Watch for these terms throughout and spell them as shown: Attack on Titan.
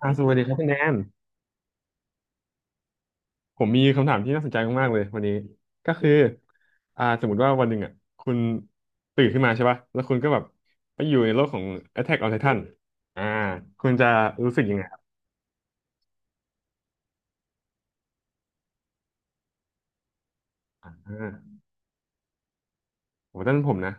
สวัสดีครับคุณแนนผมมีคำถามที่น่าสนใจมากๆเลยวันนี้ก็คือสมมติว่าวันหนึ่งอ่ะคุณตื่นขึ้นมาใช่ป่ะแล้วคุณก็แบบไปอยู่ในโลกของ Attack on Titan อ่าคุณจะรู้สึกยังไงครับ โหด้านผมนะ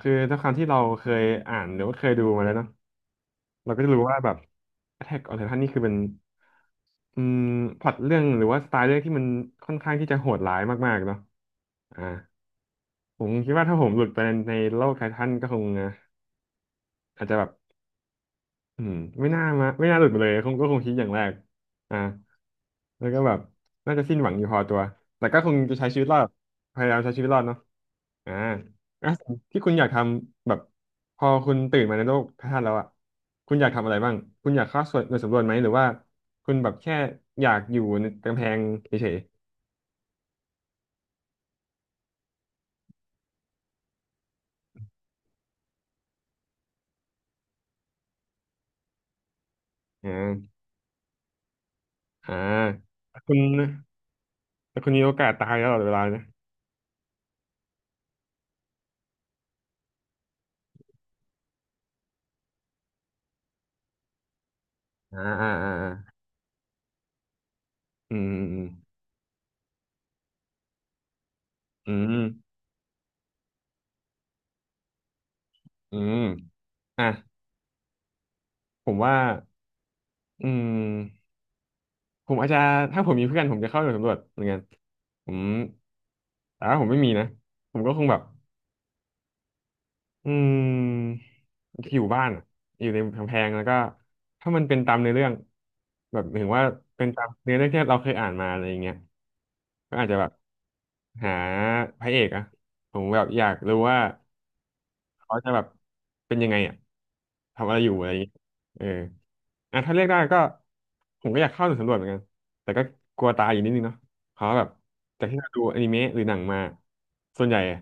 คือด้วยความที่เราเคยอ่านหรือว่าเคยดูมาแล้วเนาะเราก็จะรู้ว่าแบบ Attack on Titan นี่คือเป็นอืมพล็อตเรื่องหรือว่าสไตล์เรื่องที่มันค่อนข้างที่จะโหดร้ายมากๆเนาะอ่าผมคิดว่าถ้าผมหลุดไปในโลกไททันก็คงอ่ะอาจจะแบบ อืมไม่น่ามาไม่น่าหลุดมาเลยคงก็คงคิดอย่างแรกอ่าแล้วก็แบบน่าจะสิ้นหวังอยู่พอตัวแต่ก็คงจะใช้ชีวิตรอดพยายามใช้ชีวิตรอดเนาะอ่าอ่ะที่คุณอยากทำแบบพอคุณตื่นมาในโลกพระธาตุแล้วอ่ะคุณอยากทำอะไรบ้างคุณอยากเข้าส่วนหน่วยสำรวจไหมหรือว่าคุณแบบแค่อยากอยู่ในกำแพงเฉยๆอ่าแต่คุณแต่คุณมีโอกาสตายตลอดเวลานะอ่าอ่าอ่าอ่าอืมอืมอืมอืมอืมอ่ะผมว่า อืมผมอาจจะถ้าผมมีเพื่อนผมจะเข้าหน่วยสำรวจเหมือนกันผมแต่ว่าผมไม่มีนะผมก็คงแบบอืมอยู่บ้านอะอยู่ในกำแพงแล้วก็ถ้ามันเป็นตามในอเรื่องแบบหมายถึงว่าเป็นตามเนื้อเรื่องที่เราเคยอ่านมาอะไรอย่างเงี้ยก็อาจจะแบบหาพระเอกอะผมแบบอยากรู้ว่า เขาจะแบบเป็นยังไงอ่ะทำอะไรอยู่อะไรอย่างเงี้ยเอออ่ะถ้าเรียกได้ก็ผมก็อยากเข้าหน่วยสำรวจเหมือนกันแต่ก็กลัวตายอยู่นิดนึงเนาะเพราะว่าแบบจากที่เราดูอนิเมะหรือหนังมาส่วนใหญ่อะ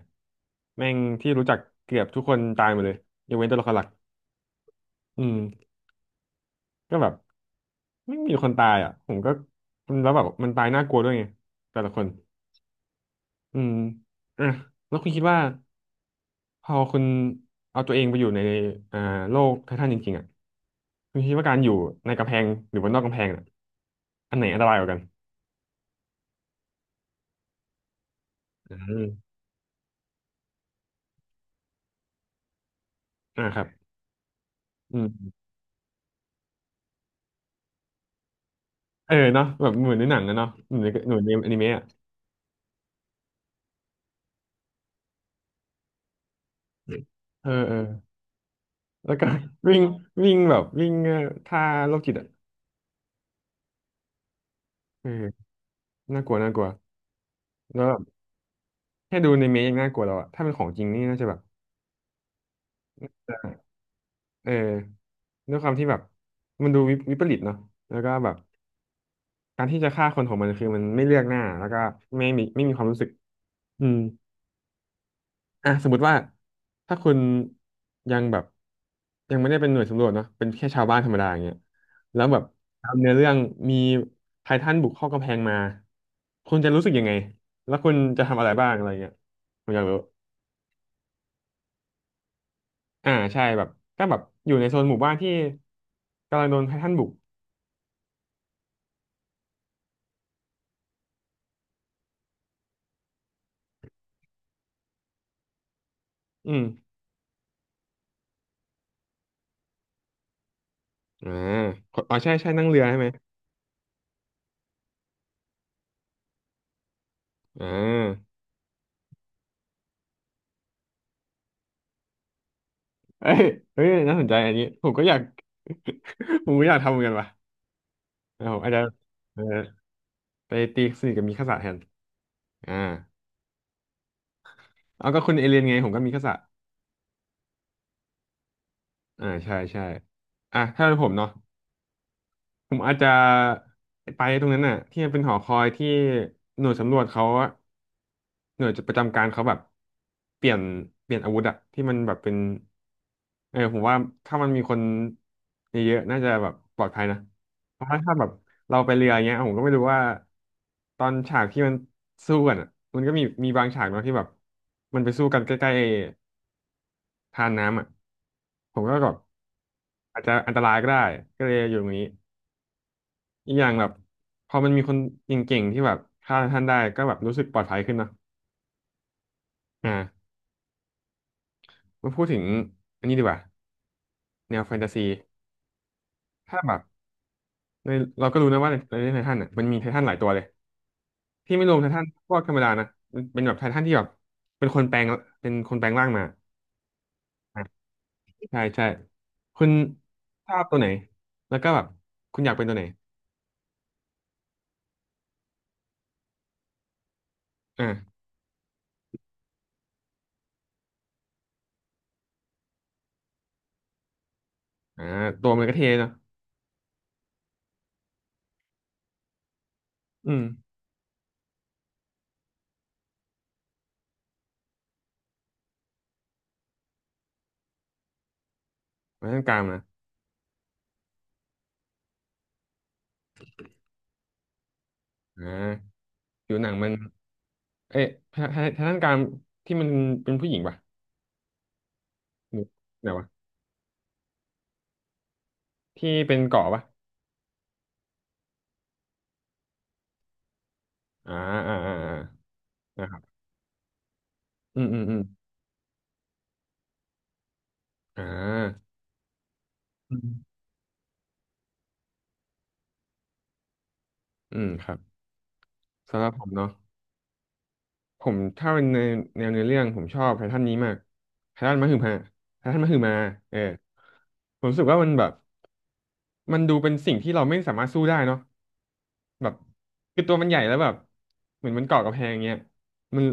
แม่งที่รู้จักเกือบทุกคนตายหมดเลยยกเว้นตัวละครหลักอืมก็แบบไม่มีคนตายอ่ะผมก็แล้วแบบมันตายน่ากลัวด้วยไงแต่ละคนอืมอ่ะแล้วคุณคิดว่า พอคุณเอาตัวเองไปอยู่ในอ่าโลกไททันจริงๆอ่ะคุณคิดว่าการอยู่ในกำแพงหรือว่านอกกำแพงอ่ะอันไหนอันตรายกว่ากันอืมครับอืมเออเนาะแบบเหมือนในหนังนะเนาะเหมือนในอนิเมะอะเออเออแล้วก็ วิ่งวิ่งแบบวิ่งท่าโรคจิตอ่ะเออน่ากลัวแล้วแบบแค่ดูในเมะยังน่ากลัวแล้วอ่ะถ้าเป็นของจริงนี่น่าจะแบบเออด้วยความที่แบบมันดูวิวิปริตเนาะแล้วก็แบบ การที่จะฆ่าคนของมันคือมันไม่เลือกหน้าแล้วก็ไม่มีความรู้สึกอืมอ่ะสมมติว่าถ้าคุณยังแบบยังไม่ได้เป็นหน่วยสำรวจเนาะเป็นแค่ชาวบ้านธรรมดาอย่างเงี้ยแล้วแบบตามเนื้อเรื่องมีไททันบุกเข้ากำแพงมาคุณจะรู้สึกยังไงแล้วคุณจะทำอะไรบ้างอะไรเงี้ยผมอยากรู้ใช่แบบก็แบบอยู่ในโซนหมู่บ้านที่กำลังโดนไททันบุกอืมอ่าอ๋อใช่ใช่นั่งเรือใช่ไหมอ่า เอ้ยเฮ้ยน่าสนใจอันนี้ผมก็อยาก ผมก็อยากทำเหมือนกันว่ะเออผมอาจจะเออไปตีสนิทกับมิคาสะแทนอ่าเอาก็คุณเอเลียนไงผมก็มิคาสะอ่าใช่ใช่อ่ะถ้าเป็นผมเนาะ ผมอาจจะไปตรงนั้นน่ะที่มันเป็นหอคอยที่หน่วยสำรวจเขาอะหน่วยประจำการเขาแบบเปลี่ยนเปลี่ยนอาวุธอะที่มันแบบเป็นเออผมว่าถ้ามันมีคนเยอะๆน่าจะแบบปลอดภัยนะเพราะว่าถ้าแบบเราไปเรืออย่างเงี้ยผมก็ไม่รู้ว่าตอนฉากที่มันสู้กันอะมันก็มีบางฉากเนาะที่แบบมันไปสู้กันใกล้ๆทานน้ำอะผมก็แบบอาจจะอันตรายก็ได้ก็เลยอยู่ตรงนี้ อีกอย่างแบบพอมันมีคนเก่งๆที่แบบฆ่าท่านได้ก็แบบรู้สึกปลอดภัยขึ้นเนาะอ่ามาพูดถึงอันนี้ดีกว่าแนวแฟนตาซีถ้าแบบในเราก็รู้นะว่าในไททันอ่ะมันมีไททันหลายตัวเลยที่ไม่รวมไททันพวกธรรมดานะมันเป็นแบบไททันที่แบบเป็นคนแปลงเป็นคนแปลงร่างมาอ่ะใช่ใช่คุณชอบตัวไหนแล้วก็แบบคุณอยากเป็นตัวไหนอ่าอ่าตัวมันก็เท่เนาะอืมไว้ตรงกลางนะอ่าผิวหนังมัน เอ๊ะทางทางด้านการที่มันเป็นผู้หญิงป่ะหรือไหนวะที่เป็นเกาะป่ะอ่าอ่าอ่าอ่านะครับอืมอืมอืมอ่าอืมอืมครับสำหรับผมเนาะผมถ้าเป็นในแนวเนื้อเรื่องผมชอบไททันนี้มากไททันมหึมาไททันมหึมาเออผมรู้สึกว่ามันแบบมันดูเป็นสิ่งที่เราไม่สามารถสู้ได้เนาะ แบบคือตัวมันใหญ่แล้วแบบเหมือนมันเกาะกำแพงเงี้ยมัน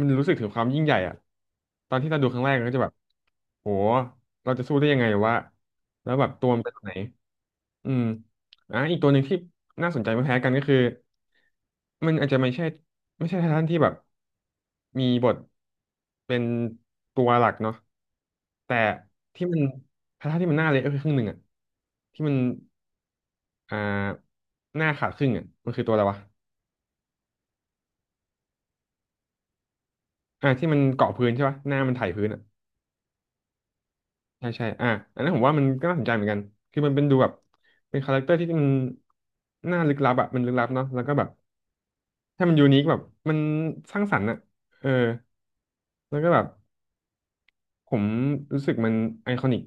มันรู้สึกถึงความยิ่งใหญ่อะตอนที่เราดูครั้งแรกเราก็จะแบบโหเราจะสู้ได้ยังไงวะแล้วแบบตัวมันเป็นแบบไหนอืมอ่ะอีกตัวหนึ่งที่น่าสนใจไม่แพ้กันก็คือมันอาจจะไม่ใช่ไททันที่แบบมีบทเป็นตัวหลักเนาะแต่ที่มันไททันที่มันหน้าเละก็คือครึ่งหนึ่งอะที่มัน อ่าหน้าขาดครึ่งอ่ะมันคือตัวอะไรวะอ่าที่มันเกาะพื้นใช่ปะหน้ามันไถพื้นอ่ะใช่ใช่อ่าอันนั้นผมว่ามันก็น่าสนใจเหมือนกันคือมันเป็นดูแบบเป็นคาแรคเตอร์ที่มันหน้าลึกลับอ่ะมันลึกลับเนาะแล้วก็แบบถ้ามันยูนิคแบบมันสร้างสรรค์อ่ะเออแล้วก็แบบผมรู้สึกมันไอคอนิก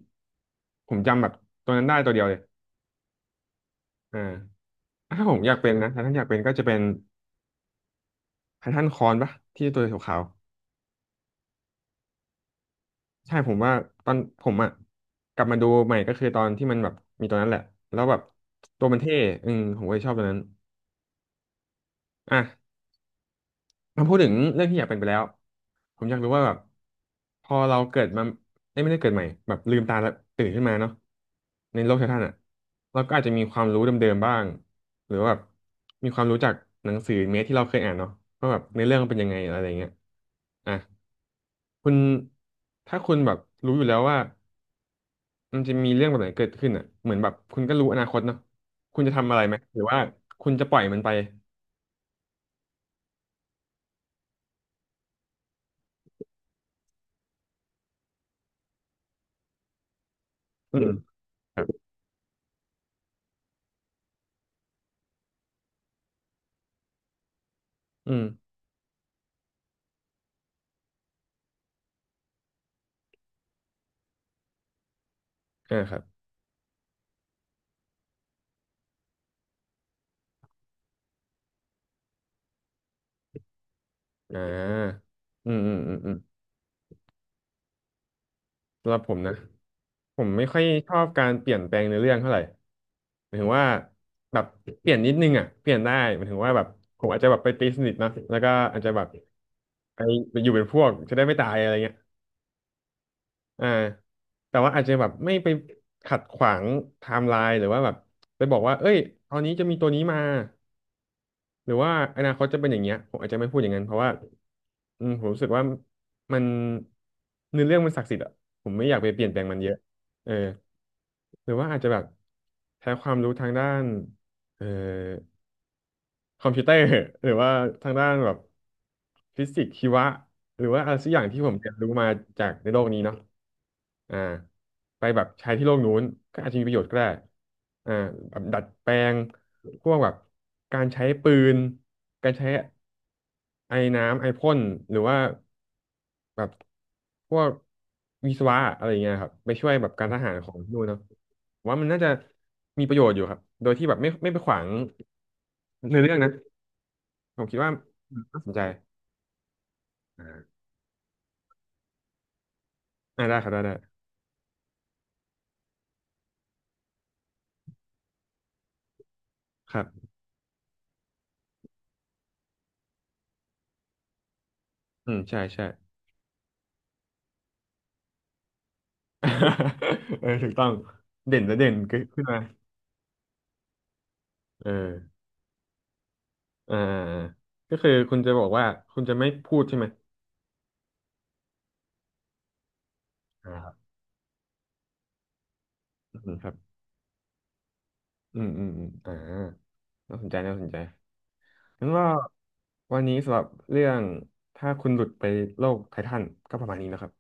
ผมจำแบบตัวนั้นได้ตัวเดียวเลยอ่าถ้าผมอยากเป็นนะถ้าท่านอยากเป็นก็จะเป็นไททันคอนปะที่ตัวขาว ใช่ผมว่าตอนผมอ่ะกลับมาดูใหม่ก็คือตอนที่มันแบบมีตัวนั้นแหละแล้วแบบตัวมันเท่อืมผมก็เลยชอบตัวนั้นอ่ะมาพูดถึงเรื่องที่อยากเป็นไปแล้วผมอยากรู้ว่าแบบพอเราเกิดมาเอ้ยไม่ได้เกิดใหม่แบบลืมตาแล้วตื่นขึ้นมาเนาะในโลกไททันอ่ะเราก็อาจจะมีความรู้เดิมๆบ้างหรือว่าแบบมีความรู้จากหนังสือเมสที่เราเคยอ่านเนาะว่าแบบในอเรื่องมันเป็นยังไงอะไรอย่างเงี้ยอ่ะคุณถ้าคุณแบบรู้อยู่แล้วว่า มันจะมีเรื่องแบบไหนเกิดขึ้นอ่ะเหมือนแบบคุณก็รู้อนาคตเนาะคุณจะทำอะไรไหมหรือว่าคุณจะปล่อยมันไปอืมครับอืมอ่าครับอ่าอืมอืมอืมอืมสำหรับผมนะผมไม่ค่อยชอบการเปลี่ยนแปลงในอเรื่องเท่าไหร่หมายถึงว่าแบบเปลี่ยนนิดนึงอ่ะเปลี่ยนได้หมายถึงว่าแบบผมอาจจะแบบไปตีสนิทเนอะแล้วก็อาจจะแบบไปไปอยู่เป็นพวกจะได้ไม่ตายอะไรเงี้ย อ่าแต่ว่าอาจจะแบบไม่ไปขัดขวางไทม์ไลน์หรือว่าแบบไปบอกว่าเอ้ยตอนนี้จะมีตัวนี้มาหรือว่าอนาคตจะเป็นอย่างเงี้ยผมอาจจะไม่พูดอย่างนั้นเพราะว่าอืมผมรู้สึกว่ามันเนื้อเรื่องมันศักดิ์สิทธิ์อะผมไม่อยากไปเปลี่ยนแปลงมันเยอะเออหรือว่าอาจจะแบบใช้ความรู้ทางด้านเออ คอมพิวเตอร์ หรือว่าทางด้านแบบฟิสิกส์ชีวะหรือว่าอะไรสักอย่างที่ผมเรียนรู้มาจากในโลกนี้เนาะอ่าไปแบบใช้ที่โลกนู้นก็อาจจะมีประโยชน์ก็ได้อ่าแบบดัดแปลงพวกแบบการใช้ปืนการใช้ไอ้น้ำไอพ่นหรือว่าแบบพวกวิศวะอะไรอย่างเงี้ยครับไปช่วยแบบการทหารของที่นู่นเนาะผมว่ามันน่าจะมีประโยชน์อยู่ครับโดยที่แบบไม่ไปขวางในอเรื่องนะ ผมคิดว่าน่าสนใจอ่าอ่าได้ครับได้ได้ครับอืมใช่ใช่ เออถูกต้องเด่นและเด่นขึ้นขึ้นมาเอออ่าก็คือคุณจะบอกว่าคุณจะไม่พูดใช่ไหมอ่าครับอืมครับอืมอืมอืมน่าสนใจน่าสนใจงั้นว่าวันนี้สำหรับเรื่องถ้าคุณหลุดไปโลกไททันก็ประมาณนี้นะครับ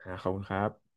อ่าขอบคุณครับ